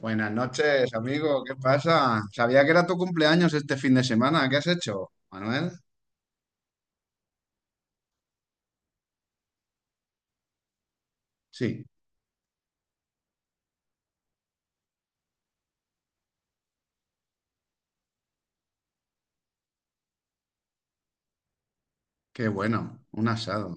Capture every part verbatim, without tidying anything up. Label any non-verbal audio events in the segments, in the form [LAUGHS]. Buenas noches, amigo. ¿Qué pasa? Sabía que era tu cumpleaños este fin de semana. ¿Qué has hecho, Manuel? Sí, qué bueno. Un asado.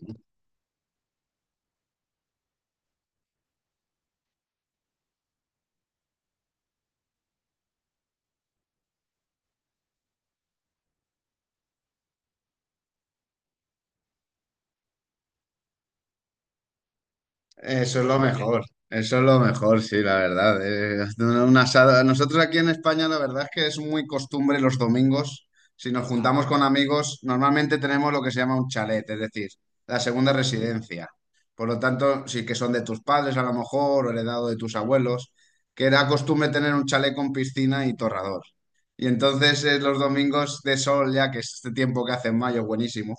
Eso es lo mejor, eso es lo mejor, sí, la verdad. eh, una- una asada. Nosotros aquí en España, la verdad es que es muy costumbre los domingos, si nos juntamos con amigos, normalmente tenemos lo que se llama un chalet, es decir, la segunda residencia. Por lo tanto, sí que son de tus padres a lo mejor, o heredado de tus abuelos, que era costumbre tener un chalet con piscina y torrador. Y entonces eh, los domingos de sol, ya que es este tiempo que hace en mayo, buenísimo,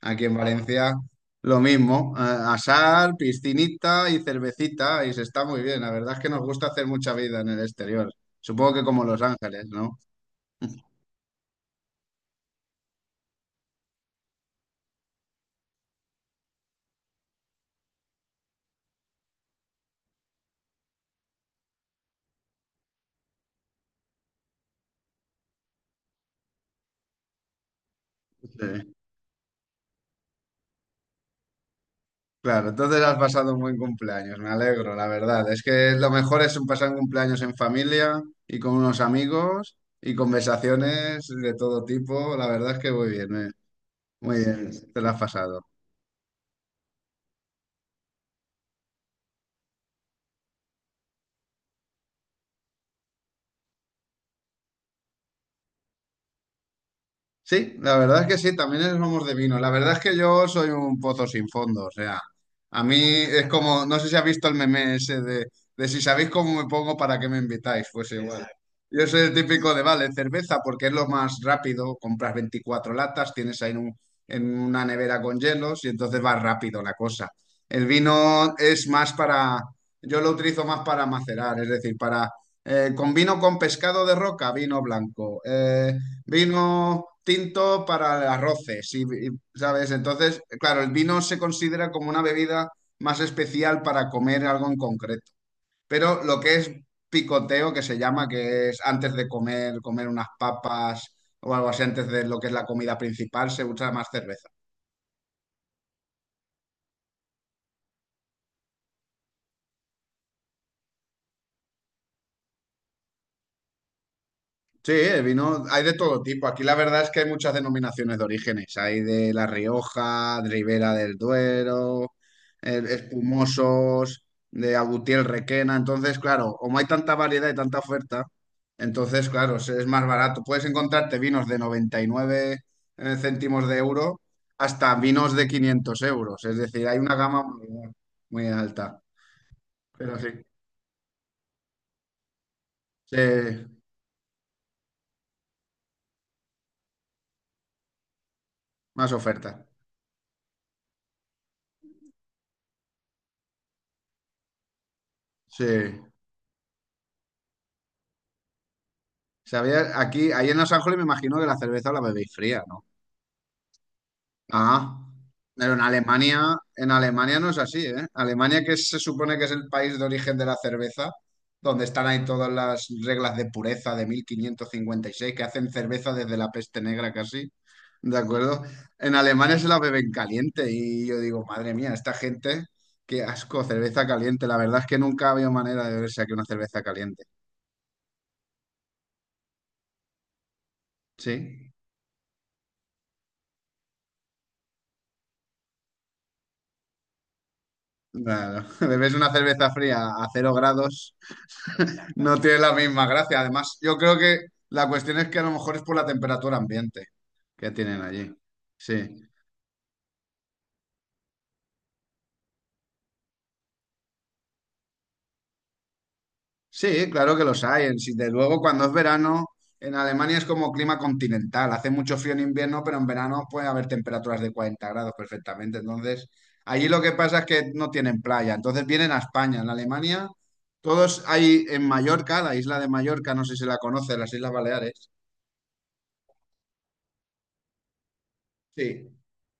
aquí en Valencia. Lo mismo, a- asar, piscinita y cervecita, y se está muy bien. La verdad es que nos gusta hacer mucha vida en el exterior. Supongo que como Los Ángeles, ¿no? Sí. Claro, entonces has pasado un buen cumpleaños, me alegro, la verdad. Es que lo mejor es un pasar un cumpleaños en familia y con unos amigos y conversaciones de todo tipo. La verdad es que muy bien, eh. Muy bien, te lo has pasado. Sí, la verdad es que sí, también somos de vino. La verdad es que yo soy un pozo sin fondo, o sea, a mí es como, no sé si has visto el meme ese de, de si sabéis cómo me pongo, ¿para qué me invitáis? Pues igual. Exacto. Yo soy el típico de, vale, cerveza porque es lo más rápido, compras veinticuatro latas, tienes ahí en, un- en una nevera con hielos y entonces va rápido la cosa. El vino es más para, yo lo utilizo más para macerar, es decir, para, eh, con vino con pescado de roca, vino blanco. Eh, Vino tinto para arroces, y, y, ¿sabes? Entonces, claro, el vino se considera como una bebida más especial para comer algo en concreto. Pero lo que es picoteo, que se llama, que es antes de comer, comer unas papas o algo así, antes de lo que es la comida principal, se usa más cerveza. Sí, el vino hay de todo tipo. Aquí la verdad es que hay muchas denominaciones de orígenes. Hay de La Rioja, de Ribera del Duero, eh, espumosos, de Agutiel Requena. Entonces, claro, como hay tanta variedad y tanta oferta, entonces, claro, es es más barato. Puedes encontrarte vinos de noventa y nueve eh, céntimos de euro hasta vinos de quinientos euros. Es decir, hay una gama muy, muy alta. Pero sí, sí, más oferta. Sí. Sabía, aquí, ahí en Los Ángeles me imagino que la cerveza la bebéis fría, ¿no? Ah, pero en Alemania, en Alemania no es así, ¿eh? Alemania, que se supone que es el país de origen de la cerveza, donde están ahí todas las reglas de pureza de mil quinientos cincuenta y seis que hacen cerveza desde la peste negra casi, ¿de acuerdo? En Alemania se la beben caliente y yo digo, madre mía, esta gente, qué asco, cerveza caliente. La verdad es que nunca había manera de beberse aquí una cerveza caliente, ¿sí? Claro, [LAUGHS] bebes una cerveza fría a cero grados, no tiene la misma gracia. Además, yo creo que la cuestión es que a lo mejor es por la temperatura ambiente que tienen allí. Sí, sí, claro que los hay. En- sí, De luego, cuando es verano, en Alemania es como clima continental. Hace mucho frío en invierno, pero en verano puede haber temperaturas de cuarenta grados perfectamente. Entonces, allí lo que pasa es que no tienen playa. Entonces vienen a España. En Alemania, todos hay en Mallorca, la isla de Mallorca, no sé si la conoce, las Islas Baleares. Sí,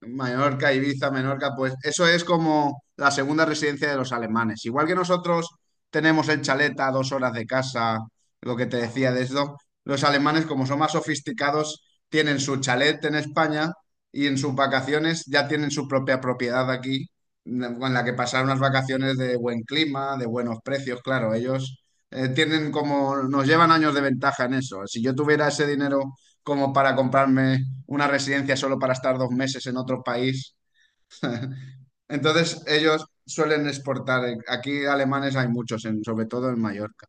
Mallorca, Ibiza, Menorca, pues eso es como la segunda residencia de los alemanes. Igual que nosotros tenemos el chalet a dos horas de casa, lo que te decía de esto, los alemanes, como son más sofisticados, tienen su chalet en España y en sus vacaciones ya tienen su propia propiedad aquí, con la que pasar unas vacaciones de buen clima, de buenos precios. Claro, ellos eh, tienen como, nos llevan años de ventaja en eso. Si yo tuviera ese dinero como para comprarme una residencia solo para estar dos meses en otro país. [LAUGHS] Entonces ellos suelen exportar. Aquí alemanes hay muchos, en- sobre todo en Mallorca.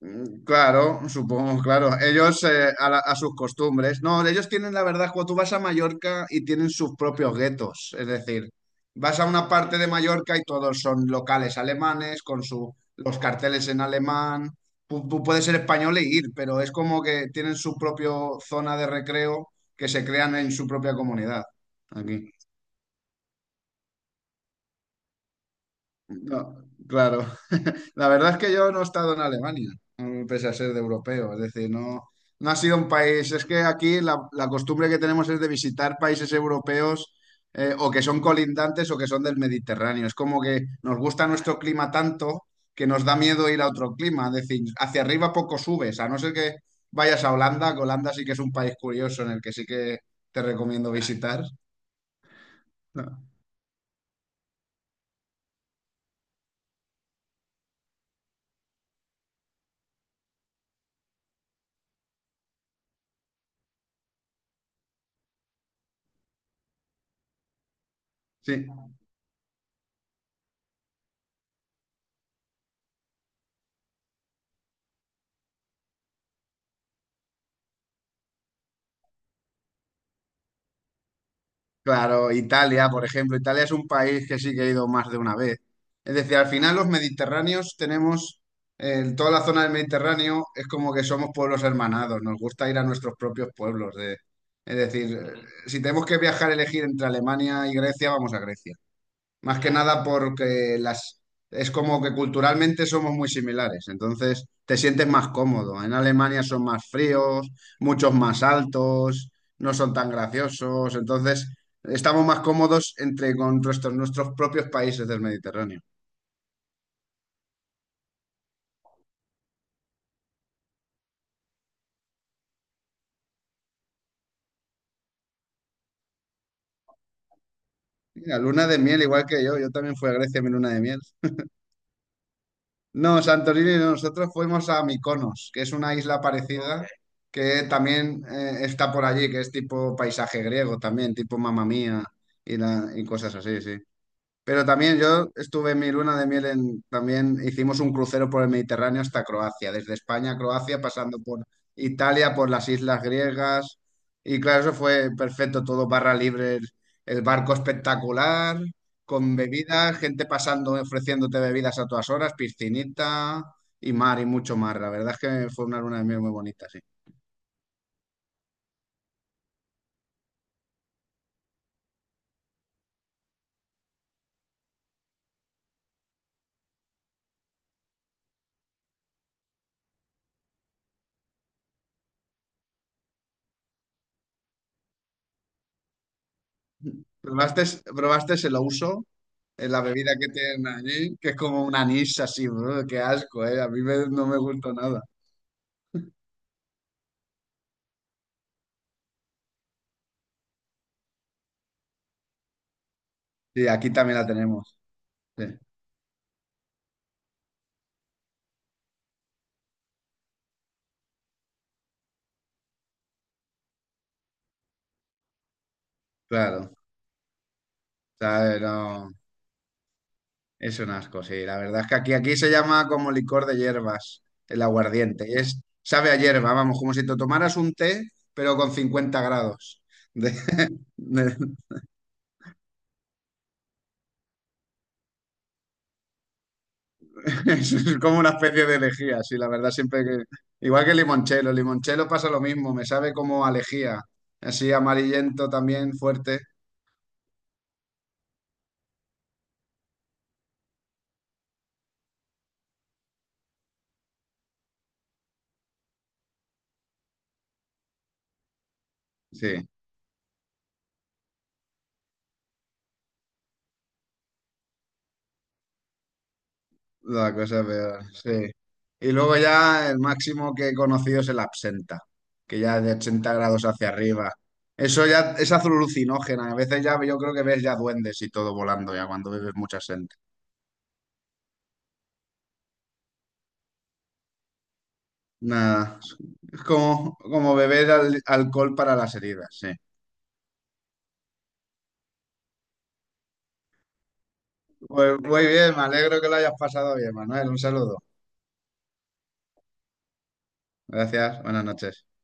Mm, Claro, supongo, claro. Ellos eh, a, la- a sus costumbres. No, ellos tienen la verdad, cuando tú vas a Mallorca y tienen sus propios guetos. Es decir, vas a una parte de Mallorca y todos son locales alemanes con su, los carteles en alemán. Tú, tú puedes ser español e ir, pero es como que tienen su propia zona de recreo que se crean en su propia comunidad. Aquí. No, claro. [LAUGHS] La verdad es que yo no he estado en Alemania, mm, pese a ser de europeo. Es decir, no, no ha sido un país. Es que aquí la, la costumbre que tenemos es de visitar países europeos eh, o que son colindantes o que son del Mediterráneo. Es como que nos gusta nuestro clima tanto que nos da miedo ir a otro clima. Es decir, hacia arriba poco subes, a no ser que vayas a Holanda, que Holanda sí que es un país curioso en el que sí que te recomiendo visitar. [LAUGHS] Sí. Claro, Italia, por ejemplo, Italia es un país que sí que he ido más de una vez. Es decir, al final los mediterráneos tenemos, en toda la zona del Mediterráneo es como que somos pueblos hermanados, nos gusta ir a nuestros propios pueblos. De- es decir, Ujú. Si tenemos que viajar, elegir entre Alemania y Grecia, vamos a Grecia. Más que nada porque las es como que culturalmente somos muy similares, entonces te sientes más cómodo. En Alemania son más fríos, muchos más altos, no son tan graciosos, entonces estamos más cómodos entre con nuestros, nuestros propios países del Mediterráneo. Mira, luna de miel, igual que yo, yo también fui a Grecia en mi luna de miel. No, Santorini, no, nosotros fuimos a Mykonos, que es una isla parecida que también eh, está por allí, que es tipo paisaje griego también, tipo Mamma Mía y, la- y cosas así, sí. Pero también yo estuve en mi luna de miel en, también hicimos un crucero por el Mediterráneo hasta Croacia, desde España a Croacia, pasando por Italia, por las islas griegas. Y claro, eso fue perfecto, todo barra libre, el el barco espectacular, con bebidas, gente pasando, ofreciéndote bebidas a todas horas, piscinita y mar y mucho mar. La verdad es que fue una luna de miel muy bonita, sí. ¿Probaste, probaste el ouso? Es la bebida que tienen allí, que es como un anís así, brr, qué asco, ¿eh? A mí me- no me gusta nada. Sí, aquí también la tenemos. Sí, claro. O sea, eh, no, es un asco, sí. La verdad es que aquí, aquí se llama como licor de hierbas, el aguardiente. Y es, sabe a hierba, vamos, como si te tomaras un té, pero con cincuenta grados. De- [LAUGHS] de- [LAUGHS] es como una especie de lejía, sí, la verdad, siempre que... Igual que el limonchelo, el limonchelo pasa lo mismo, me sabe como a lejía, así amarillento también, fuerte. Sí, la cosa peor, sí. Y luego ya el máximo que he conocido es el absenta, que ya es de ochenta grados hacia arriba. Eso ya es alucinógena. A veces ya yo creo que ves ya duendes y todo volando ya cuando bebes mucha gente. Nada, es como, como beber al- alcohol para las heridas, sí. Pues muy bien, me alegro que lo hayas pasado bien, Manuel. Un saludo. Gracias, buenas noches.